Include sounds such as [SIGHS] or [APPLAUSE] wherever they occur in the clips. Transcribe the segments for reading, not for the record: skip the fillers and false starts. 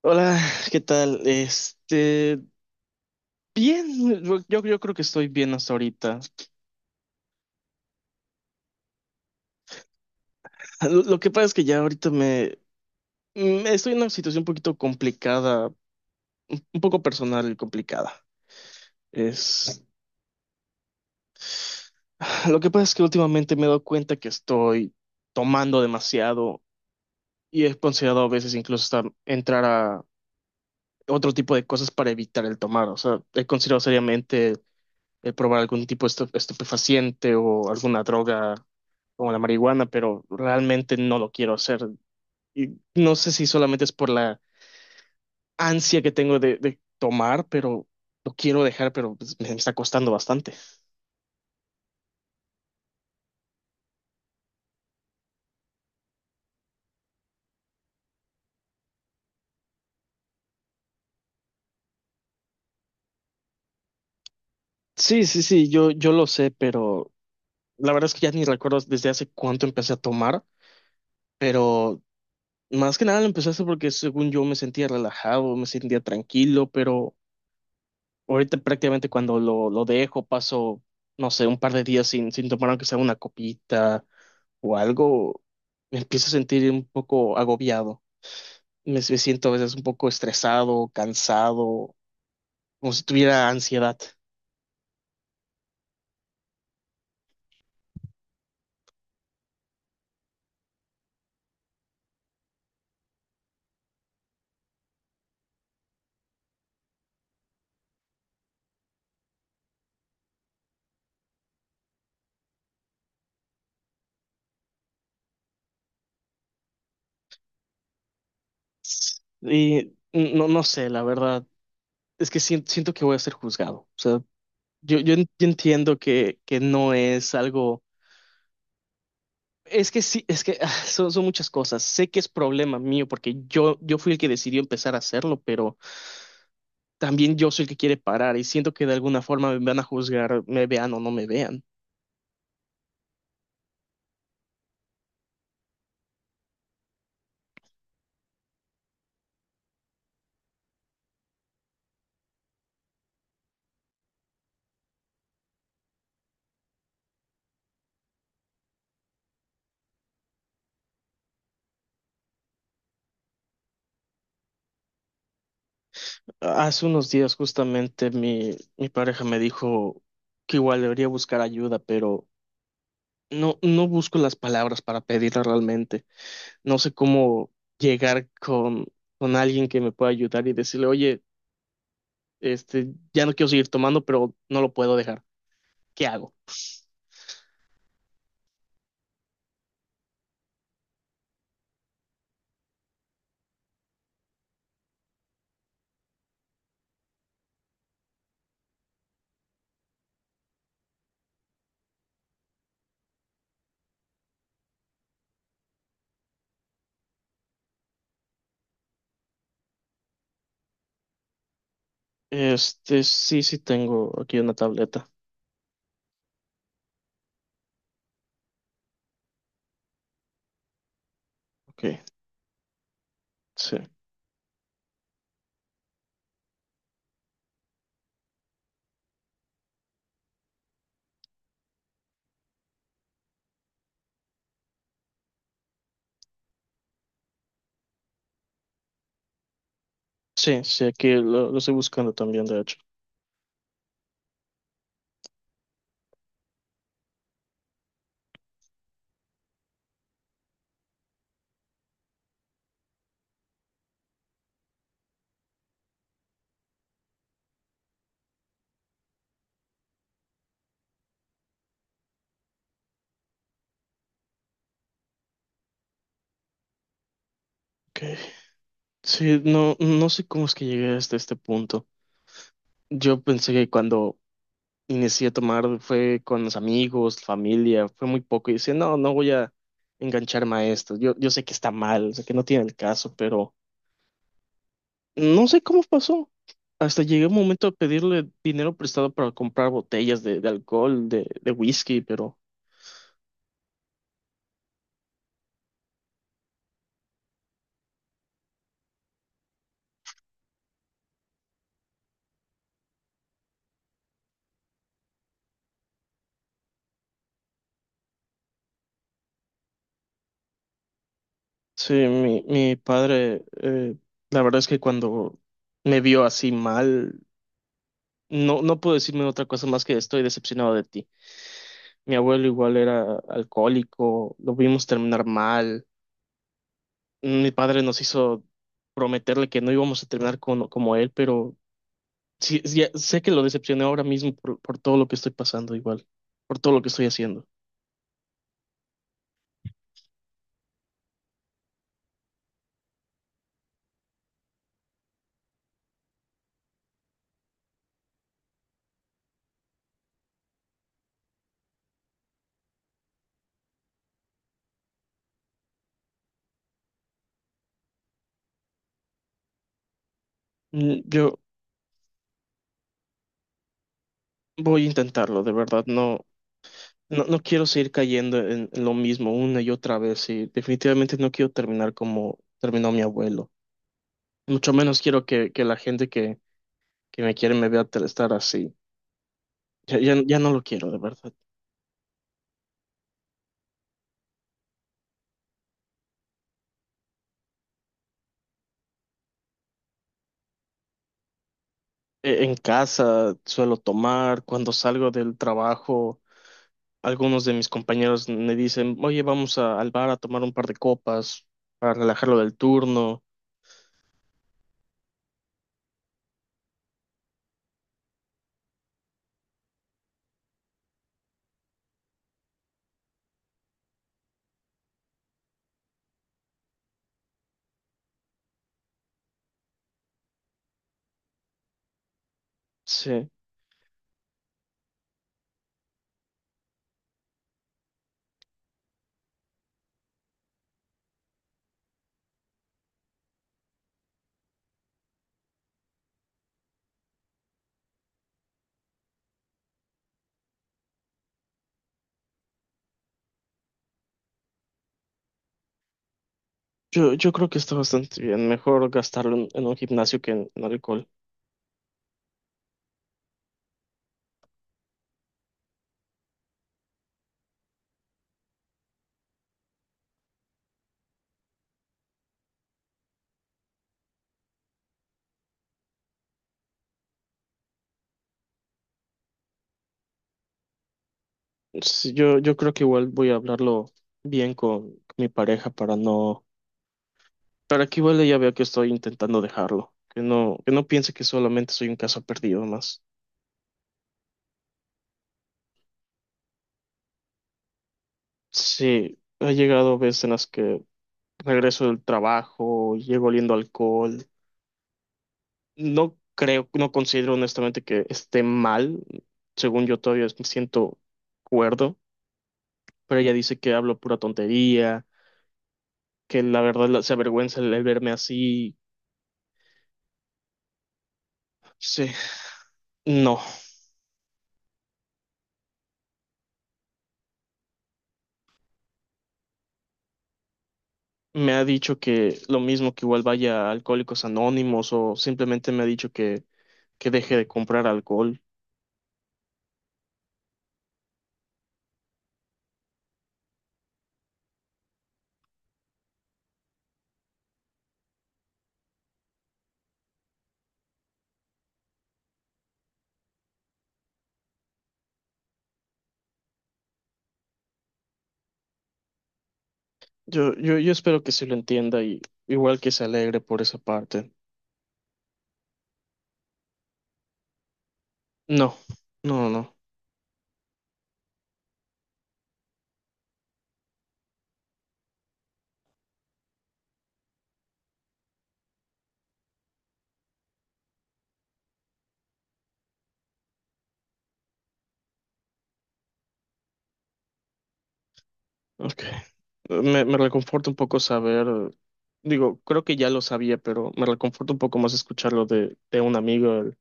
Hola, ¿qué tal? Bien, yo creo que estoy bien hasta ahorita. [LAUGHS] Lo que pasa es que ya ahorita me estoy en una situación un poquito complicada, un poco personal y complicada. Es, [SIGHS] lo que pasa es que últimamente me he dado cuenta que estoy tomando demasiado y he considerado a veces incluso hasta entrar a otro tipo de cosas para evitar el tomar. O sea, he considerado seriamente probar algún tipo de estupefaciente o alguna droga como la marihuana, pero realmente no lo quiero hacer. Y no sé si solamente es por la ansia que tengo de tomar, pero lo quiero dejar, pero pues, me está costando bastante. Sí, sí, sí, yo lo sé, pero la verdad es que ya ni recuerdo desde hace cuánto empecé a tomar, pero más que nada lo empecé a hacer porque según yo me sentía relajado, me sentía tranquilo, pero... Ahorita prácticamente cuando lo dejo paso, no sé, un par de días sin tomar aunque sea una copita o algo, me empiezo a sentir un poco agobiado. Me siento a veces un poco estresado, cansado, como si tuviera ansiedad. Y no, no sé, la verdad, es que siento, siento que voy a ser juzgado. O sea, yo entiendo que no es algo... Es que sí, es que son, son muchas cosas. Sé que es problema mío porque yo fui el que decidió empezar a hacerlo, pero... también yo soy el que quiere parar y siento que de alguna forma me van a juzgar, me vean o no me vean. Hace unos días justamente mi pareja me dijo que igual debería buscar ayuda, pero no, no busco las palabras para pedirla realmente. No sé cómo llegar con alguien que me pueda ayudar y decirle, oye, este, ya no quiero seguir tomando, pero no lo puedo dejar. ¿Qué hago? Este, sí, sí tengo aquí una tableta. Ok, sí. Sí, sí, aquí lo estoy buscando también, de hecho. Ok. Sí, no, no sé cómo es que llegué hasta este punto. Yo pensé que cuando inicié a tomar fue con los amigos, familia, fue muy poco. Y decía, no, no voy a engancharme a esto. Yo sé que está mal, sé que no tiene el caso, pero no sé cómo pasó. Hasta llegué un momento a pedirle dinero prestado para comprar botellas de alcohol, de whisky, pero sí, mi padre, la verdad es que cuando me vio así mal, no, no puedo decirme otra cosa más que estoy decepcionado de ti. Mi abuelo igual era alcohólico, lo vimos terminar mal. Mi padre nos hizo prometerle que no íbamos a terminar con, como él, pero sí, sí, ya sé que lo decepcioné ahora mismo por todo lo que estoy pasando igual, por todo lo que estoy haciendo. Yo voy a intentarlo, de verdad, no, no, no quiero seguir cayendo en lo mismo una y otra vez y definitivamente no quiero terminar como terminó mi abuelo. Mucho menos quiero que la gente que me quiere me vea estar así. Ya, ya, ya no lo quiero, de verdad. En casa suelo tomar, cuando salgo del trabajo. Algunos de mis compañeros me dicen, oye, al bar a tomar un par de copas para relajarlo del turno. Sí, yo creo que está bastante bien. Mejor gastarlo en un gimnasio que en alcohol. Sí, yo creo que igual voy a hablarlo bien con mi pareja para no, para que igual ella vea que estoy intentando dejarlo, que no piense que solamente soy un caso perdido más. Sí, ha llegado veces en las que regreso del trabajo, llego oliendo alcohol. No creo, no considero honestamente que esté mal. Según yo todavía me siento cuerdo, pero ella dice que hablo pura tontería, que la verdad se avergüenza el verme así. Sí, no. Me ha dicho que lo mismo que igual vaya a Alcohólicos Anónimos o simplemente me ha dicho que deje de comprar alcohol. Yo espero que sí lo entienda y igual que se alegre por esa parte. No, no, no. No. Ok. Me reconforta un poco saber, digo, creo que ya lo sabía, pero me reconforta un poco más escucharlo de un amigo,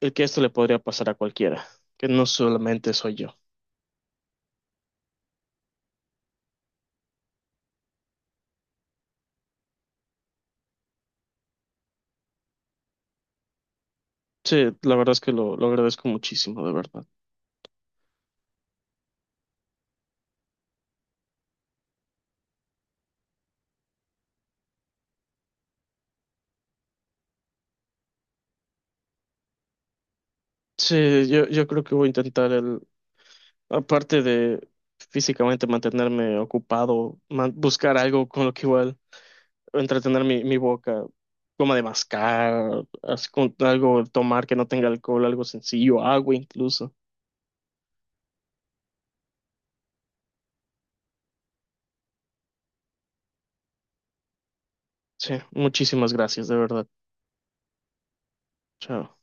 el que esto le podría pasar a cualquiera, que no solamente soy yo. Sí, la verdad es que lo agradezco muchísimo, de verdad. Sí, yo creo que voy a intentar el, aparte de físicamente mantenerme ocupado, buscar algo con lo que igual entretener mi boca, como de mascar, así con algo, tomar que no tenga alcohol, algo sencillo, agua incluso. Sí, muchísimas gracias, de verdad. Chao.